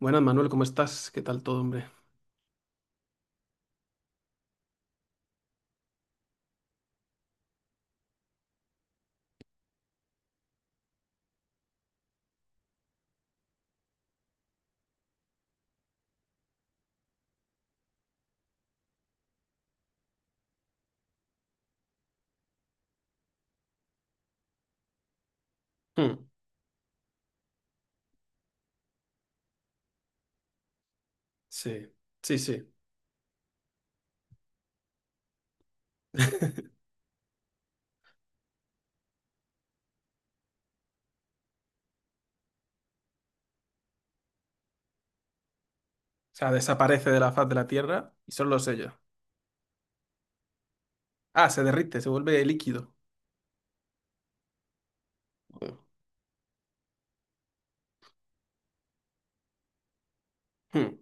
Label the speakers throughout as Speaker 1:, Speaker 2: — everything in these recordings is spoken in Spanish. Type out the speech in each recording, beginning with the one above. Speaker 1: Buenas, Manuel, ¿cómo estás? ¿Qué tal todo, hombre? Hmm. Sí, sí, sí. O sea, desaparece de la faz de la Tierra y son los sellos. Ah, se derrite, se vuelve líquido. Hmm.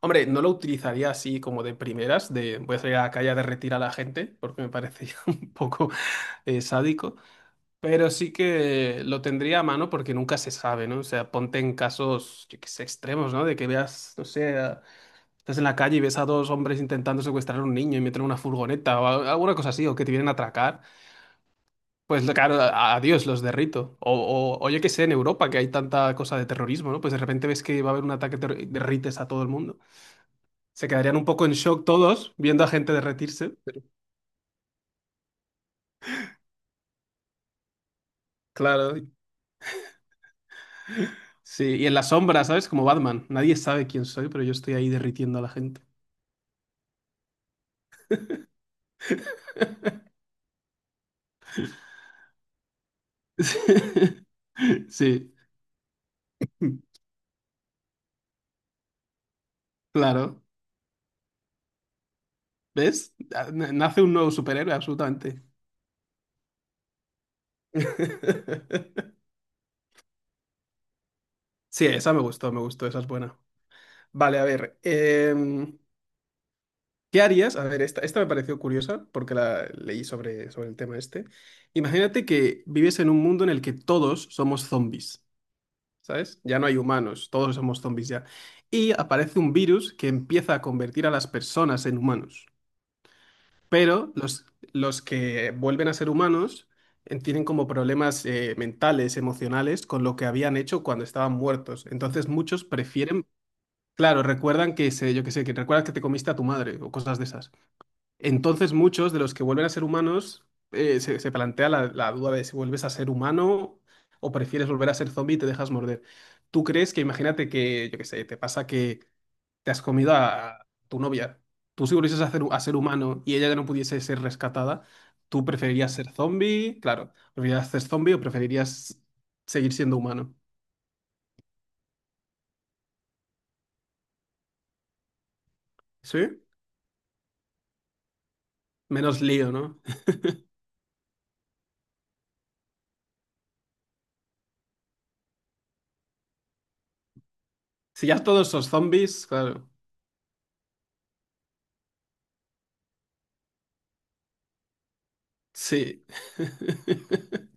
Speaker 1: Hombre, no lo utilizaría así como de primeras, de voy a salir a la calle a derretir a la gente, porque me parece ya un poco sádico, pero sí que lo tendría a mano porque nunca se sabe, ¿no? O sea, ponte en casos, yo qué sé, extremos, ¿no? De que veas, no sé, estás en la calle y ves a dos hombres intentando secuestrar a un niño y meter en una furgoneta o alguna cosa así, o que te vienen a atracar. Pues claro, adiós, los derrito. O yo qué sé, en Europa, que hay tanta cosa de terrorismo, ¿no? Pues de repente ves que va a haber un ataque y derrites a todo el mundo. Se quedarían un poco en shock todos viendo a gente derretirse. Claro. Sí, y en la sombra, ¿sabes? Como Batman. Nadie sabe quién soy, pero yo estoy ahí derritiendo a la gente. Sí, claro. ¿Ves? Nace un nuevo superhéroe, absolutamente. Sí, esa me gustó, esa es buena. Vale, a ver, ¿Qué harías? A ver, esta me pareció curiosa porque la leí sobre el tema este. Imagínate que vives en un mundo en el que todos somos zombies, ¿sabes? Ya no hay humanos, todos somos zombies ya. Y aparece un virus que empieza a convertir a las personas en humanos. Pero los que vuelven a ser humanos tienen como problemas mentales, emocionales, con lo que habían hecho cuando estaban muertos. Entonces muchos prefieren. Claro, recuerdan que se, yo qué sé, que recuerdas que te comiste a tu madre o cosas de esas. Entonces, muchos de los que vuelven a ser humanos se plantea la duda de si vuelves a ser humano o prefieres volver a ser zombie y te dejas morder. ¿Tú crees que, imagínate que, yo qué sé, te pasa que te has comido a tu novia? Tú si volvieses a ser humano y ella ya no pudiese ser rescatada, ¿tú preferirías ser zombie? Claro, ¿preferirías ser zombie o preferirías seguir siendo humano? ¿Sí? Menos lío, ¿no? Si ya todos sos zombies, claro. Sí.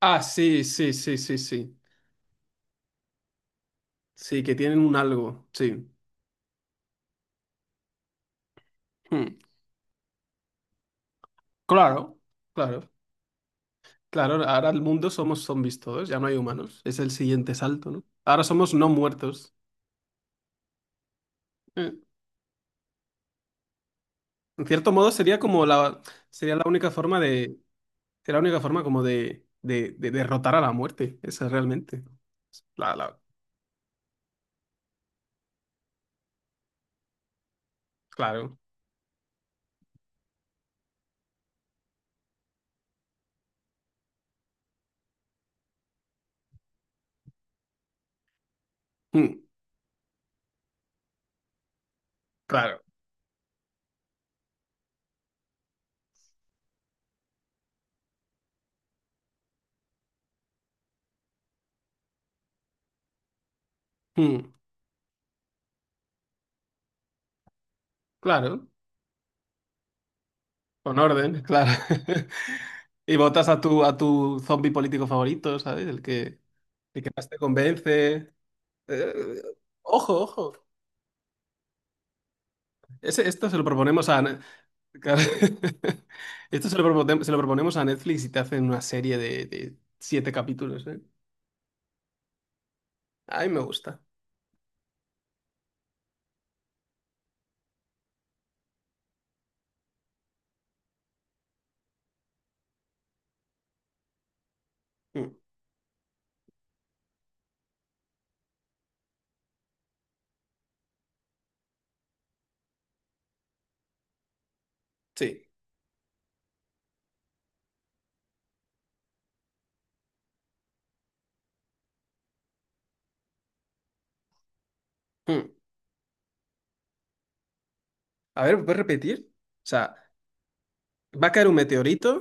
Speaker 1: Ah, sí, sí, sí, sí, sí. Sí, que tienen un algo, sí. Hmm. Claro, claro, claro. Ahora el mundo somos zombies todos, ya no hay humanos. Es el siguiente salto, ¿no? Ahora somos no muertos. Eh. En cierto modo sería como la, sería la única forma de, sería la única forma como de derrotar a la muerte. Esa realmente. La, la- claro. Hmm. Claro. Hmm. Claro. Con orden, claro. Y votas a tu, zombie político favorito, ¿sabes? El que más te convence. Eh, Ojo, ojo. Esto se lo proponemos a. Claro. Esto se lo, se lo proponemos a Netflix y te hacen una serie de siete capítulos, ¿eh? A mí me gusta. Mm, sí. Mm. A ver, ¿puedes repetir? O sea, va a caer un meteorito.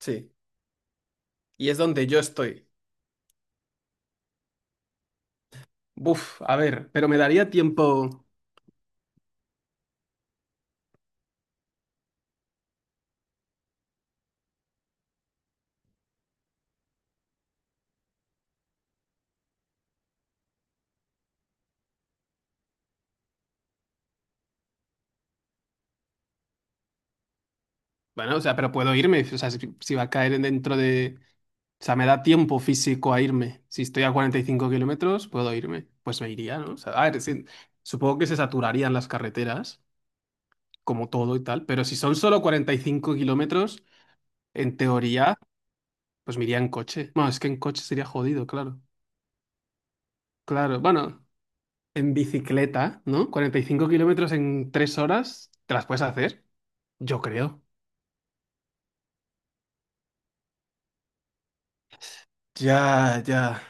Speaker 1: Sí. Y es donde yo estoy. Buf, a ver, pero me daría tiempo. Bueno, o sea, pero puedo irme, o sea, si va a caer dentro de... O sea, me da tiempo físico a irme. Si estoy a 45 kilómetros, puedo irme. Pues me iría, ¿no? O sea, a ver, sí, supongo que se saturarían las carreteras, como todo y tal, pero si son solo 45 kilómetros, en teoría, pues me iría en coche. Bueno, es que en coche sería jodido, claro. Claro, bueno, en bicicleta, ¿no? 45 kilómetros en 3 horas, te las puedes hacer, yo creo. Ya, ya.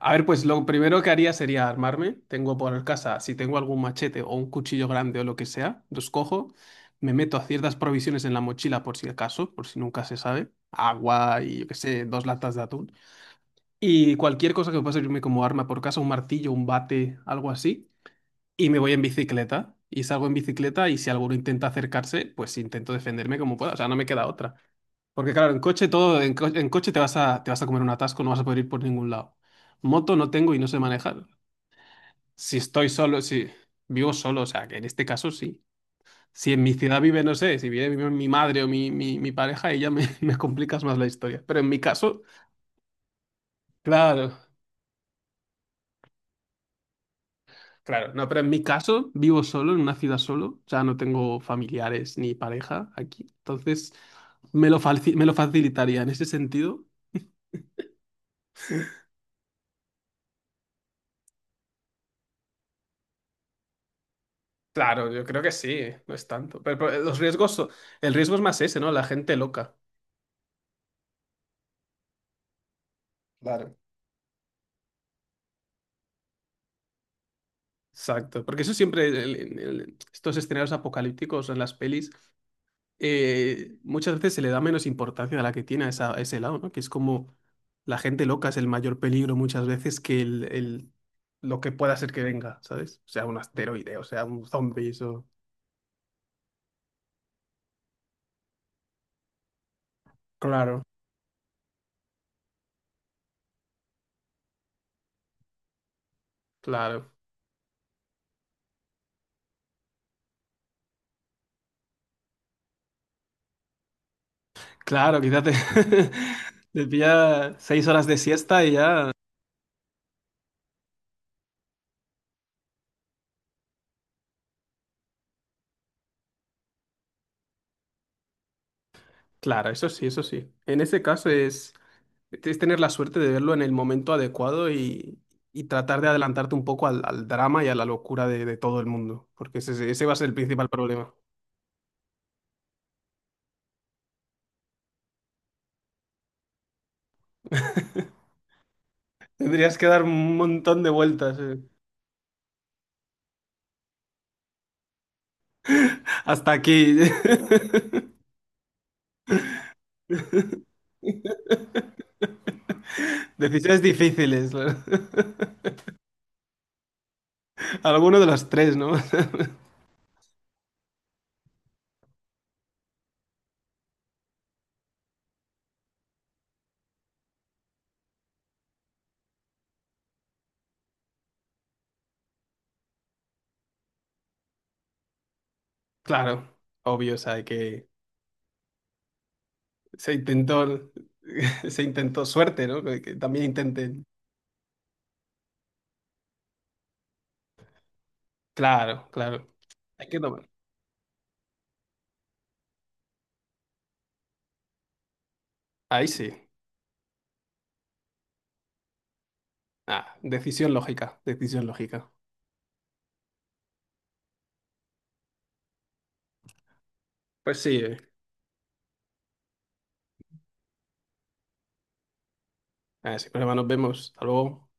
Speaker 1: A ver, pues lo primero que haría sería armarme. Tengo por casa, si tengo algún machete o un cuchillo grande o lo que sea, los cojo, me meto a ciertas provisiones en la mochila por si acaso, por si nunca se sabe, agua y yo qué sé, dos latas de atún. Y cualquier cosa que pueda servirme como arma por casa, un martillo, un bate, algo así. Y me voy en bicicleta. Y salgo en bicicleta y si alguno intenta acercarse, pues intento defenderme como pueda. O sea, no me queda otra. Porque claro, en coche todo, en coche te vas a comer un atasco, no vas a poder ir por ningún lado. Moto no tengo y no sé manejar. Si estoy solo, si vivo solo, o sea, que en este caso sí. Si en mi ciudad vive, no sé, si vive mi, mi, madre o mi pareja, ella me, me complicas más la historia. Claro, claro, no, pero en mi caso vivo solo, en una ciudad solo, o sea, no tengo familiares ni pareja aquí. Entonces, me lo, me lo facilitaría en ese sentido. Claro, yo creo que sí, no es tanto. Pero los riesgos, el riesgo es más ese, ¿no? La gente loca. Claro. Exacto, porque eso siempre, estos escenarios apocalípticos en las pelis, muchas veces se le da menos importancia a la que tiene a ese lado, ¿no? Que es como la gente loca es el mayor peligro muchas veces que lo que pueda ser que venga, ¿sabes? O sea, un asteroide, o sea, un zombie, o... Claro. Claro, claro, quizás te, te pilla 6 horas de siesta y ya... Claro, eso sí, eso sí. En ese caso es, tener la suerte de verlo en el momento adecuado y tratar de adelantarte un poco al drama y a la locura de todo el mundo, porque ese va a ser el principal problema. Tendrías que dar un montón de vueltas. Hasta aquí. Decisiones difíciles. Alguno de los tres, ¿no? Claro, obvio, o sea, que se intentó, se intentó suerte, ¿no? Que también intenten. Claro, claro. Hay que tomar. Ahí sí. Ah, decisión lógica, decisión lógica. Pues sí, si no, nos vemos. Hasta luego.